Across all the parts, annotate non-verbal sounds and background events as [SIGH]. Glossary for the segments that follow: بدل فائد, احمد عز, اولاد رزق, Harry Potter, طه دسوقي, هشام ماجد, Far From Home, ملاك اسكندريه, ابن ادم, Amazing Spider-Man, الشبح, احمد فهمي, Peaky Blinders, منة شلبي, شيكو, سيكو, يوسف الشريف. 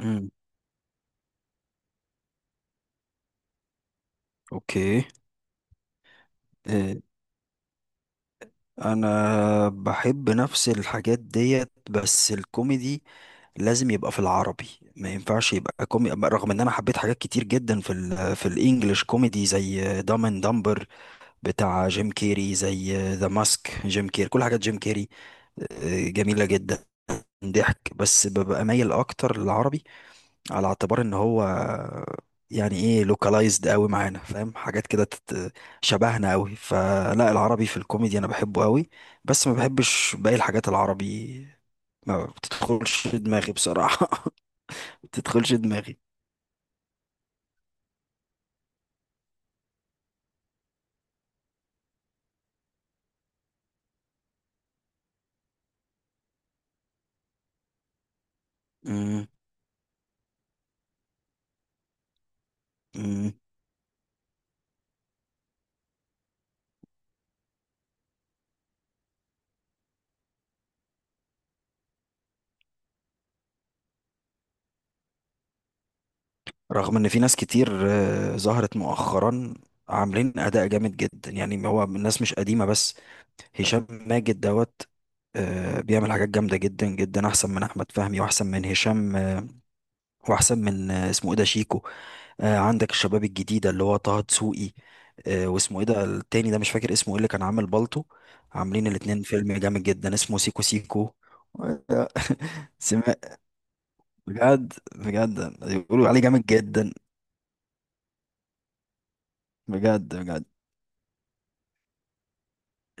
امم. اوكي. إيه، انا بحب نفس الحاجات ديت، بس الكوميدي لازم يبقى في العربي. ما ينفعش يبقى كوميدي، رغم ان انا حبيت حاجات كتير جدا في الانجليش كوميدي زي دام اند دمبر، بتاع جيم كيري، زي ذا ماسك جيم كيري، كل حاجات جيم كيري جميلة جدا. ضحك، بس ببقى مايل اكتر للعربي، على اعتبار ان هو يعني ايه لوكالايزد قوي معانا، فاهم حاجات كده شبهنا قوي، فلا العربي في الكوميدي انا بحبه قوي. بس ما بحبش باقي الحاجات العربي، ما بتدخلش دماغي بصراحة. [LAUGHS] ما بتدخلش دماغي. مم. مم. رغم ان في ناس كتير ظهرت مؤخرا، عاملين اداء جامد جدا، يعني هو الناس مش قديمة بس. هشام ماجد دوت، بيعمل حاجات جامدة جدا جدا، احسن من احمد فهمي واحسن من هشام، واحسن من اسمه ايه ده شيكو. آه، عندك الشباب الجديده اللي هو طه دسوقي. آه، واسمه ايه ده التاني ده؟ مش فاكر اسمه ايه اللي كان عامل بالطو. عاملين الاتنين فيلم جامد جدا اسمه سيكو سيكو. آه، سمع. بجد بجد بيقولوا عليه جامد جدا. بجد بجد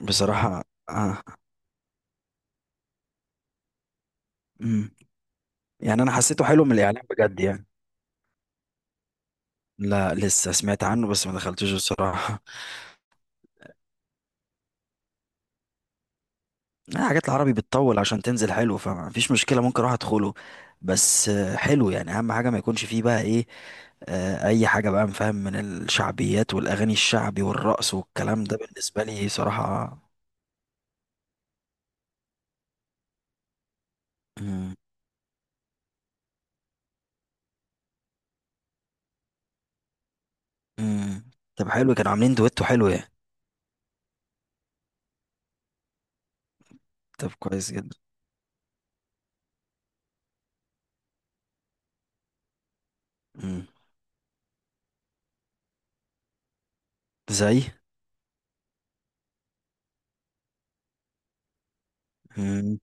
بصراحه. آه. مم. يعني انا حسيته حلو من الاعلان بجد يعني. لا، لسه سمعت عنه بس ما دخلتوش بصراحه. لا، حاجات العربي بتطول عشان تنزل حلو، فمفيش مشكلة، ممكن اروح ادخله. بس حلو يعني، اهم حاجة ما يكونش فيه بقى ايه، اي حاجة بقى مفهم من الشعبيات والاغاني الشعبي والرقص والكلام ده بالنسبة لي صراحة. مم. مم. طب حلو، كانوا عاملين دويتو حلو يعني. طب كويس جدا. مم. زي. مم.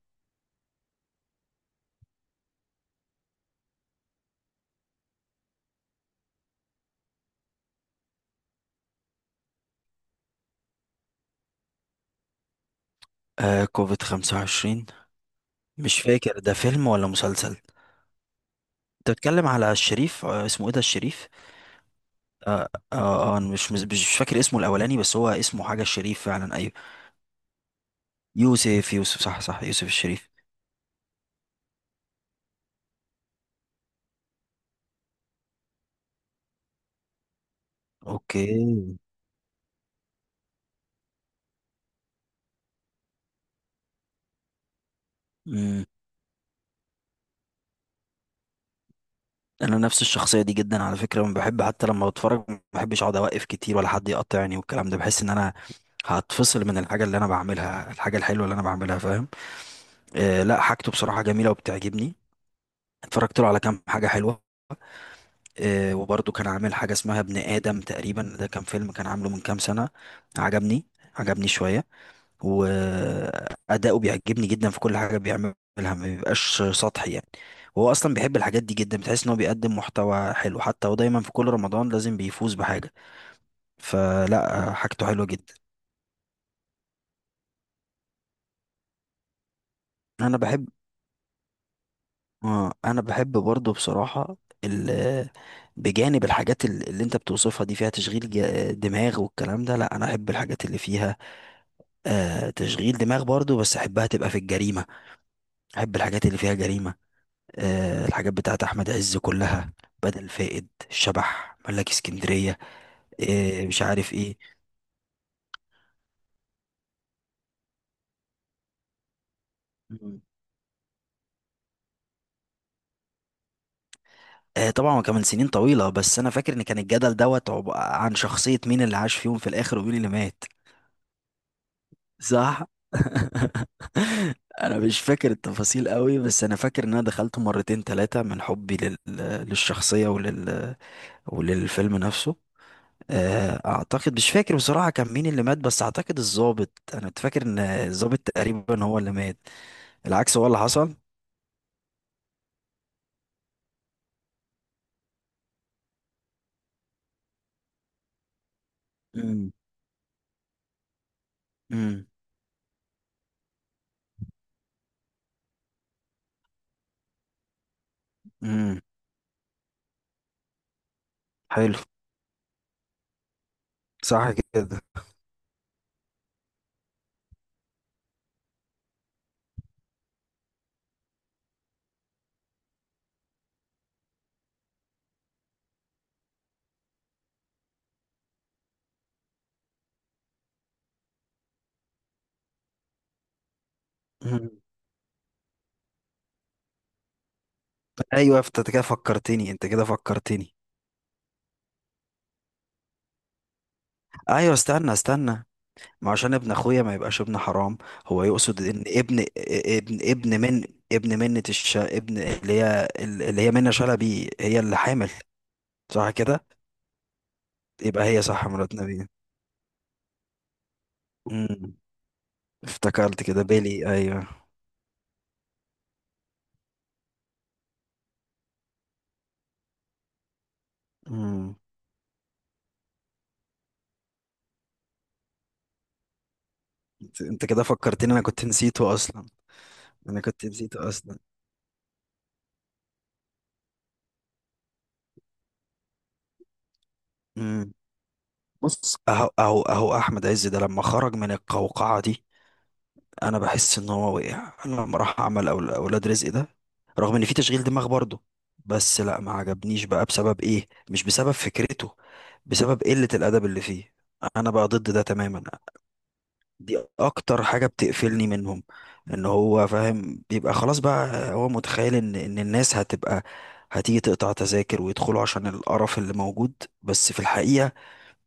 آه كوفيد 25. مش فاكر ده فيلم ولا مسلسل. انت بتتكلم على الشريف، آه، اسمه ايه ده الشريف؟ اه اه. آه، انا مش فاكر اسمه الاولاني، بس هو اسمه حاجه الشريف فعلا، ايوه. يوسف يوسف صح صح، يوسف الشريف. اوكي. امم انا نفس الشخصيه دي جدا على فكره، ما بحب حتى لما بتفرج ما بحبش اقعد اوقف كتير ولا حد يقطعني والكلام ده، بحس ان انا هتفصل من الحاجه اللي انا بعملها، الحاجه الحلوه اللي انا بعملها، فاهم. آه، لا، حاجته بصراحه جميله وبتعجبني. اتفرجت له على كام حاجه حلوه. آه، وبرضه كان عامل حاجه اسمها ابن ادم تقريبا، ده كان فيلم، كان عامله من كام سنه. عجبني، عجبني شويه. وأداؤه بيعجبني جدا في كل حاجة بيعملها، ما بيبقاش سطحي يعني. وهو أصلا بيحب الحاجات دي جدا، بتحس إن هو بيقدم محتوى حلو، حتى هو دايما في كل رمضان لازم بيفوز بحاجة. فلا حاجته حلوة جدا. أنا بحب أنا بحب برضه بصراحة ال- بجانب الحاجات اللي انت بتوصفها دي فيها تشغيل دماغ والكلام ده، لا انا احب الحاجات اللي فيها تشغيل دماغ برضو، بس احبها تبقى في الجريمة. احب الحاجات اللي فيها جريمة. آه، الحاجات بتاعت احمد عز كلها، بدل فائد، الشبح، ملاك اسكندريه، مش عارف ايه. مم. آه، طبعا كمان سنين طويله، بس انا فاكر ان كان الجدل دوت عن شخصيه مين اللي عاش فيهم في الاخر ومين اللي مات. صح. [LAUGHS] انا مش فاكر التفاصيل قوي، بس انا فاكر ان انا دخلته مرتين ثلاثه من حبي للشخصيه وللفيلم نفسه. آه، اعتقد مش فاكر بصراحه كان مين اللي مات، بس اعتقد الضابط، انا كنت فاكر ان الضابط تقريبا هو اللي مات. العكس هو اللي حصل. امم. امم. امم. حلو. صح كده. مم. ايوه، انت كده فكرتني، انت كده فكرتني. ايوه، استنى استنى. ما عشان ابن اخويا ما يبقاش ابن حرام. هو يقصد ان ابن ابن ابن من ابن منة الش ابن اللي هي اللي هي منة شلبي، هي اللي حامل. صح كده. يبقى هي صح، مرات نبي. امم. افتكرت كده بيلي، ايوه. امم. انت كده فكرتني، انا كنت نسيته اصلا، انا كنت نسيته اصلا. بص، اهو اهو اهو احمد عز ده، لما خرج من القوقعه دي، انا بحس ان هو وقع لما راح عمل أول اولاد رزق ده، رغم ان في تشغيل دماغ برضه، بس لا، ما عجبنيش بقى بسبب ايه؟ مش بسبب فكرته، بسبب قله الادب اللي فيه. انا بقى ضد ده تماما. دي اكتر حاجه بتقفلني منهم، ان هو فاهم بيبقى خلاص بقى هو متخيل ان الناس هتبقى هتيجي تقطع تذاكر ويدخلوا عشان القرف اللي موجود. بس في الحقيقه،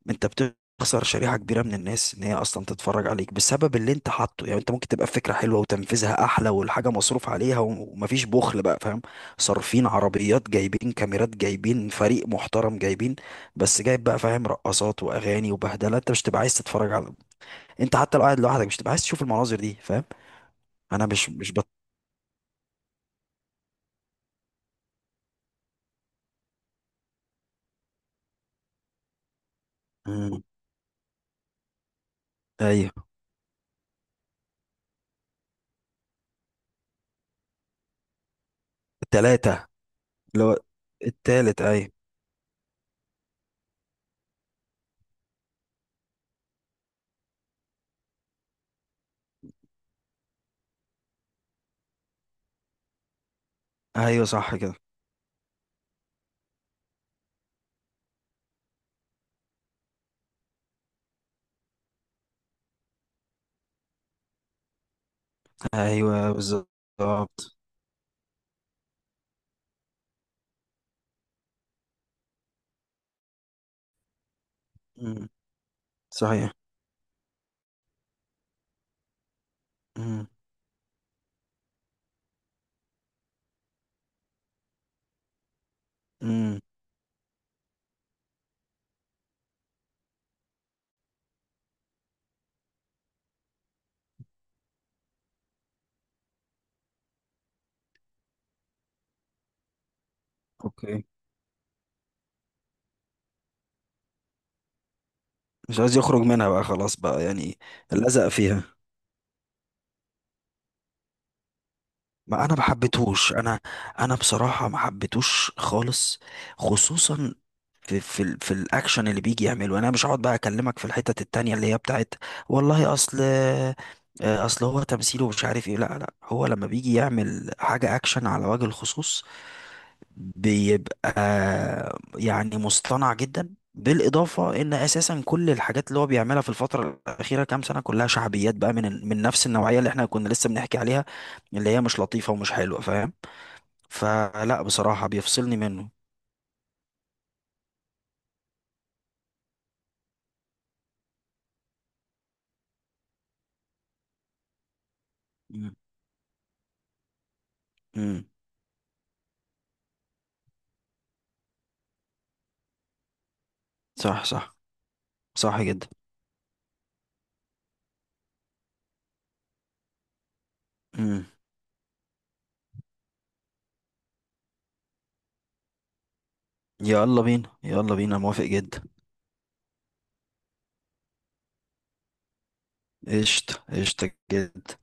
انت بتخسر شريحة كبيرة من الناس ان هي اصلا تتفرج عليك بسبب اللي انت حاطه يعني. انت ممكن تبقى فكرة حلوة وتنفيذها احلى، والحاجة مصروف عليها ومفيش بخل بقى، فاهم. صارفين عربيات، جايبين كاميرات، جايبين فريق محترم، جايبين، بس جايب بقى فاهم رقصات واغاني وبهدلة، انت مش تبقى عايز تتفرج على. انت حتى لو قاعد لوحدك مش تبقى عايز تشوف المناظر دي، فاهم. انا مش مش بط... مم. ايوه، التلاتة. لو. التالت، ايوه. ايوه، صح كده. ايوه، بالظبط. مم. صحيح. مم. مم. اوكي. مش عايز يخرج منها بقى خلاص بقى يعني. لزق فيها. ما انا ما حبيتهوش انا بصراحه ما حبيتهوش خالص. خصوصا في الاكشن اللي بيجي يعمله، انا مش هقعد بقى اكلمك في الحتت التانية اللي هي بتاعت. والله، اصل هو تمثيله مش عارف ايه، لا لا، هو لما بيجي يعمل حاجه اكشن على وجه الخصوص بيبقى يعني مصطنع جدا، بالإضافة إن أساسا كل الحاجات اللي هو بيعملها في الفترة الأخيرة كام سنة كلها شعبيات بقى، من نفس النوعية اللي احنا كنا لسه بنحكي عليها، اللي هي مش لطيفة ومش حلوة، فاهم. فلا بصراحة بيفصلني منه. مم. مم. صح صح. صح جدا. مم. يلا بينا، يلا بينا، موافق جدا. قشطة قشطة جدا.